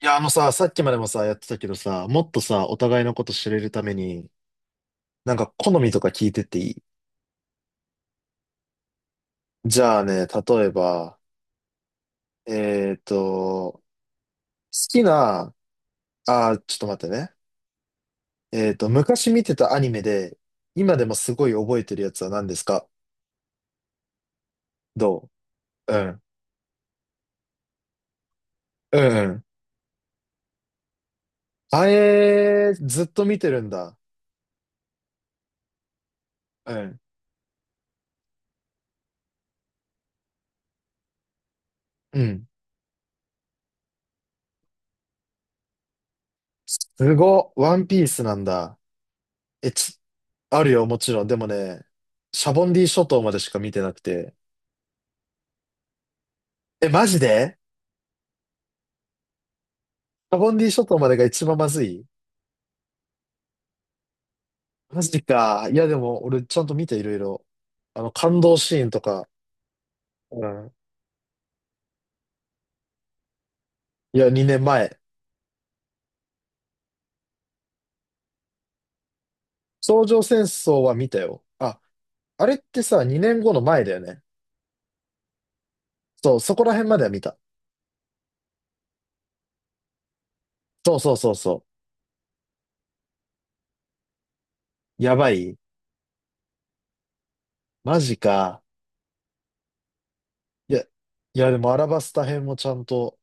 いや、あのさ、さっきまでもさ、やってたけどさ、もっとさ、お互いのこと知れるために、なんか好みとか聞いてっていい？じゃあね、例えば、好きな、ちょっと待ってね。昔見てたアニメで、今でもすごい覚えてるやつは何ですか？どううん。うんうん。あえー、ずっと見てるんだ。うん。うん。すごっ。ワンピースなんだ。え、ち、あるよ、もちろん。でもね、シャボンディ諸島までしか見てなくて。え、マジで？カボンディ諸島までが一番まずい？マジか。いや、でも、俺、ちゃんと見て、いろいろ。感動シーンとか。うん。いや、2年前。頂上戦争は見たよ。あ、あれってさ、2年後の前だよね。そう、そこら辺までは見た。そうそうそうそう。やばい。マジか。いや、いや、でも、アラバスタ編もちゃんと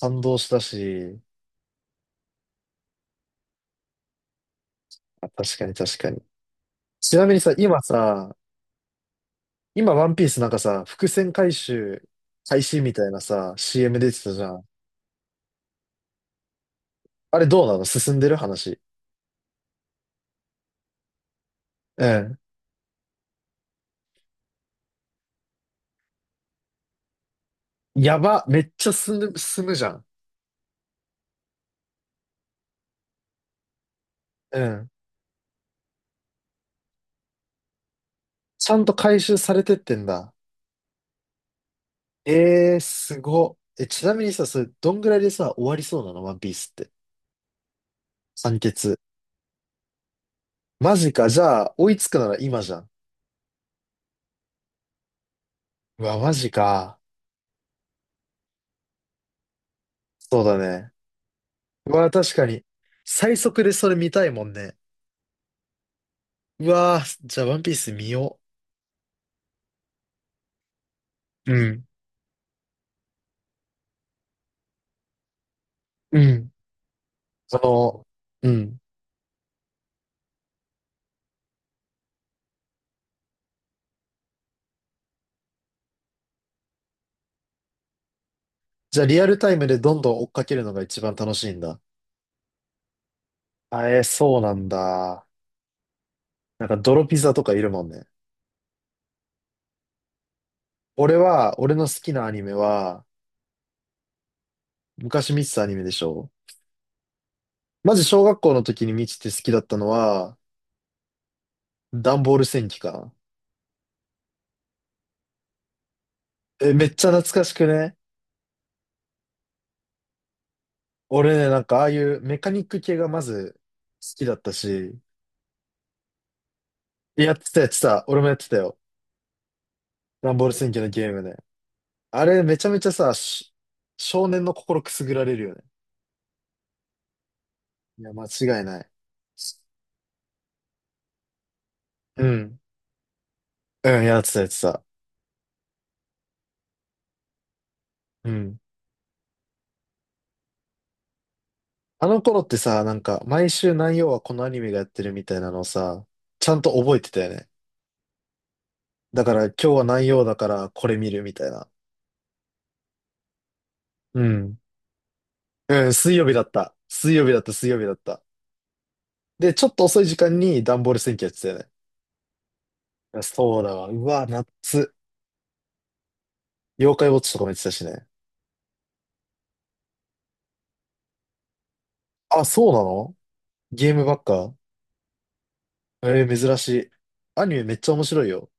感動したし。あ、確かに確かに。ちなみにさ、今さ、今、ワンピースなんかさ、伏線回収開始みたいなさ、CM 出てたじゃん。あれどうなの？進んでる話。うん。やば、めっちゃ進む、進むじゃん。うん。ちゃんと回収されてってんだ。えー、すご。え、ちなみにさ、それ、どんぐらいでさ、終わりそうなのワンピースって。完結。マジか。じゃあ、追いつくなら今じゃん。うわ、マジか。そうだね。うわ、確かに。最速でそれ見たいもんね。うわ、じゃあ、ワンピース見よう。うん。うん。そうん。じゃあリアルタイムでどんどん追っかけるのが一番楽しいんだ。あ、えーそうなんだ。なんか泥ピザとかいるもんね。俺は、俺の好きなアニメは、昔見てたアニメでしょ？まず小学校の時に見てて好きだったのは、ダンボール戦記かな。え、めっちゃ懐かしくね？俺ね、なんかああいうメカニック系がまず好きだったし、やってたやってた。俺もやってたよ。ダンボール戦記のゲームね。あれめちゃめちゃさ、少年の心くすぐられるよね。いや、間違いない。うん。うん、やってた、やってた。うん。あの頃ってさ、なんか、毎週何曜はこのアニメがやってるみたいなのをさ、ちゃんと覚えてたよね。だから、今日は何曜だから、これ見るみたいな。うん。うん、水曜日だった。水曜日だった、水曜日だった。で、ちょっと遅い時間に段ボール戦記やってたよね。いやそうだわ。うわ、夏。妖怪ウォッチとかもやってたしね。あ、そうなの？ゲームばっか？えー、珍しい。アニメめっちゃ面白いよ。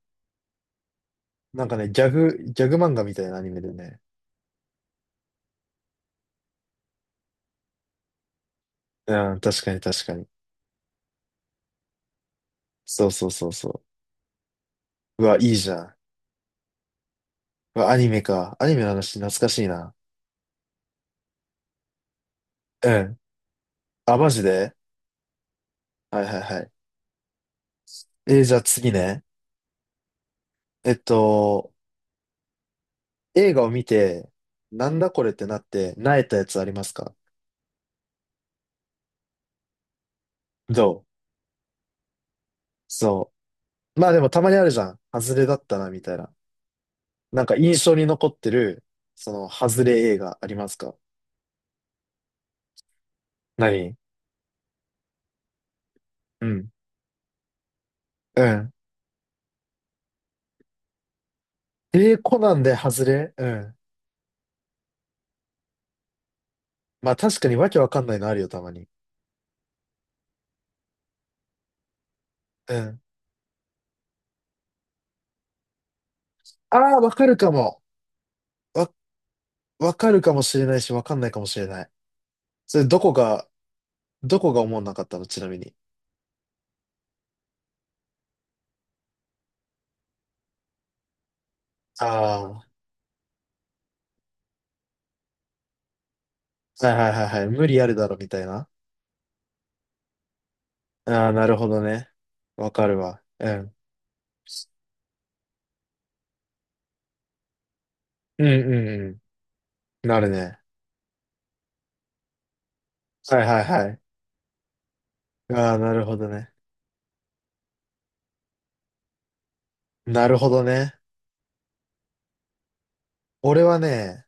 なんかね、ギャグ漫画みたいなアニメでね。うん、確かに確かに。そうそうそうそう。うわ、いいじゃん。うわ、アニメか。アニメの話懐かしいな。うん。あ、マジで？はいはいはい。じゃあ次ね。えっと、映画を見て、なんだこれってなって、萎えたやつありますか？どうそう。まあでもたまにあるじゃん。外れだったな、みたいな。なんか印象に残ってる、外れ映画ありますか？何？うん。うん。えー、コナンで外れ？うん。まあ確かにわけわかんないのあるよ、たまに。うん。ああ、わかるかも。わ、わかるかもしれないし、わかんないかもしれない。それ、どこが思わなかったの？ちなみに。ああ、はいはいはいはい。無理あるだろ、みたいな。ああ、なるほどね。わかるわ。うん。うんうんうん。なるね。はいはいはい。ああ、なるほどね。なるほどね。俺はね、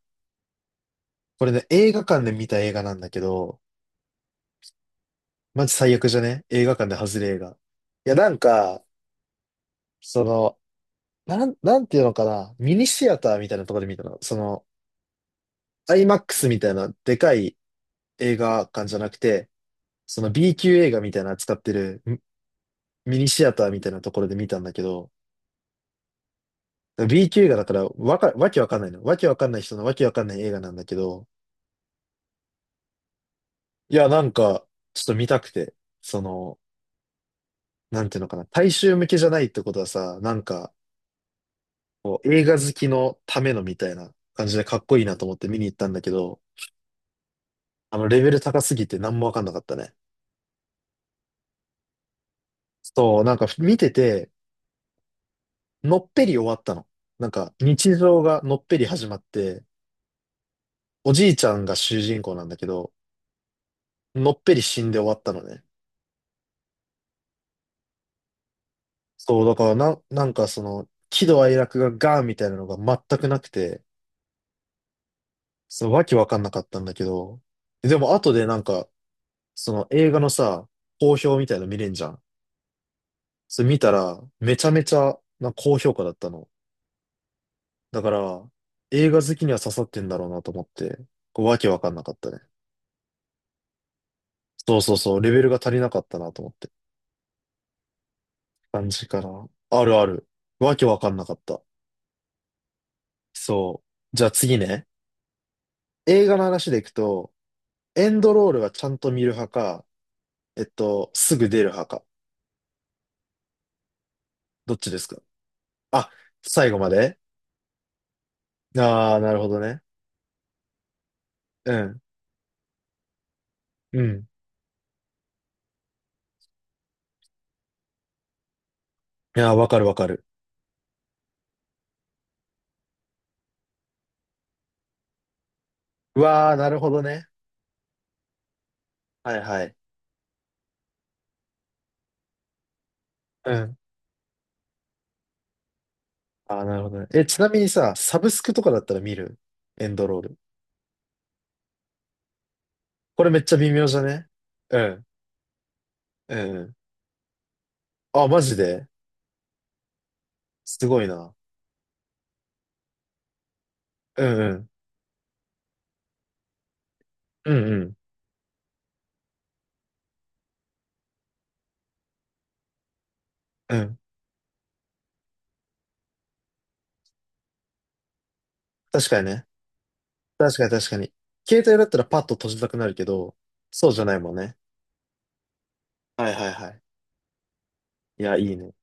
これね、映画館で見た映画なんだけど、マジ最悪じゃね？映画館で外れ映画。いや、なんか、その、なんていうのかな、ミニシアターみたいなところで見たの。IMAX みたいなでかい映画館じゃなくて、その B 級映画みたいな扱ってるミニシアターみたいなところで見たんだけど、B 級映画だからわけわかんないの。わけわかんない人のわけわかんない映画なんだけど、いや、なんか、ちょっと見たくて、その、なんていうのかな、大衆向けじゃないってことはさ、なんか、こう映画好きのためのみたいな感じでかっこいいなと思って見に行ったんだけど、レベル高すぎて何もわかんなかったね。そう、なんか見てて、のっぺり終わったの。なんか、日常がのっぺり始まって、おじいちゃんが主人公なんだけど、のっぺり死んで終わったのね。そう、だからな、なんか喜怒哀楽がガーンみたいなのが全くなくて、そう、わけわかんなかったんだけど、でも後でなんか、その映画のさ、好評みたいの見れんじゃん。それ見たら、めちゃめちゃな高評価だったの。だから、映画好きには刺さってんだろうなと思って、こうわけわかんなかったね。そうそうそう、レベルが足りなかったなと思って。感じかな。あるある。わけわかんなかった。そう。じゃあ次ね。映画の話でいくと、エンドロールはちゃんと見る派か、すぐ出る派か。どっちですか？あ、最後まで？ああー、なるほどね。うん。うん。いやー、わかるわかる。うわあ、なるほどね。はいはい。うん。ああ、なるほどね。え、ちなみにさ、サブスクとかだったら見る？エンドロール。これめっちゃ微妙じゃね？うん。うんうん。あ、マジで？すごいな。うんうん。うんうん。うん、確かにね。確かに確かに。携帯だったらパッと閉じたくなるけど、そうじゃないもんね。はいはいはい。いや、いいね。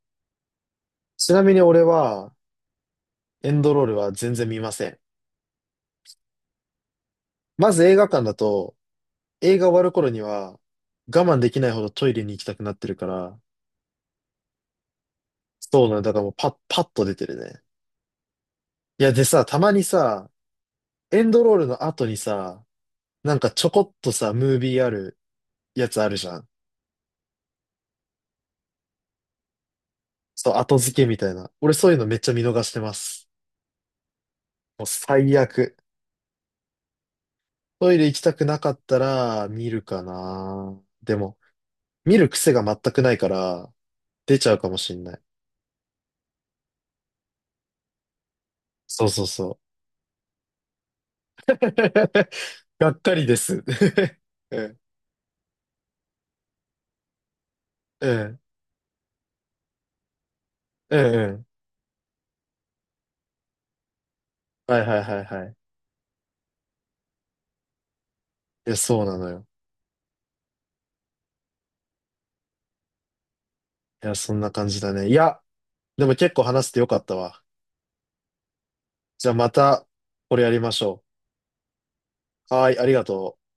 ちなみに俺は、エンドロールは全然見ません。まず映画館だと、映画終わる頃には、我慢できないほどトイレに行きたくなってるから、そうなんだ、だからもうパッと出てるね。いや、でさ、たまにさ、エンドロールの後にさ、なんかちょこっとさ、ムービーあるやつあるじゃん。そう、後付けみたいな。俺そういうのめっちゃ見逃してます。もう最悪。トイレ行きたくなかったら見るかな。でも、見る癖が全くないから、出ちゃうかもしんない。そうそうそう。がっかりです。うん、うん、うん、うん。はいはいはいはい。いや、そうなのよ。いや、そんな感じだね。いや、でも結構話してよかったわ。じゃあまた、これやりましょう。はーい、ありがとう。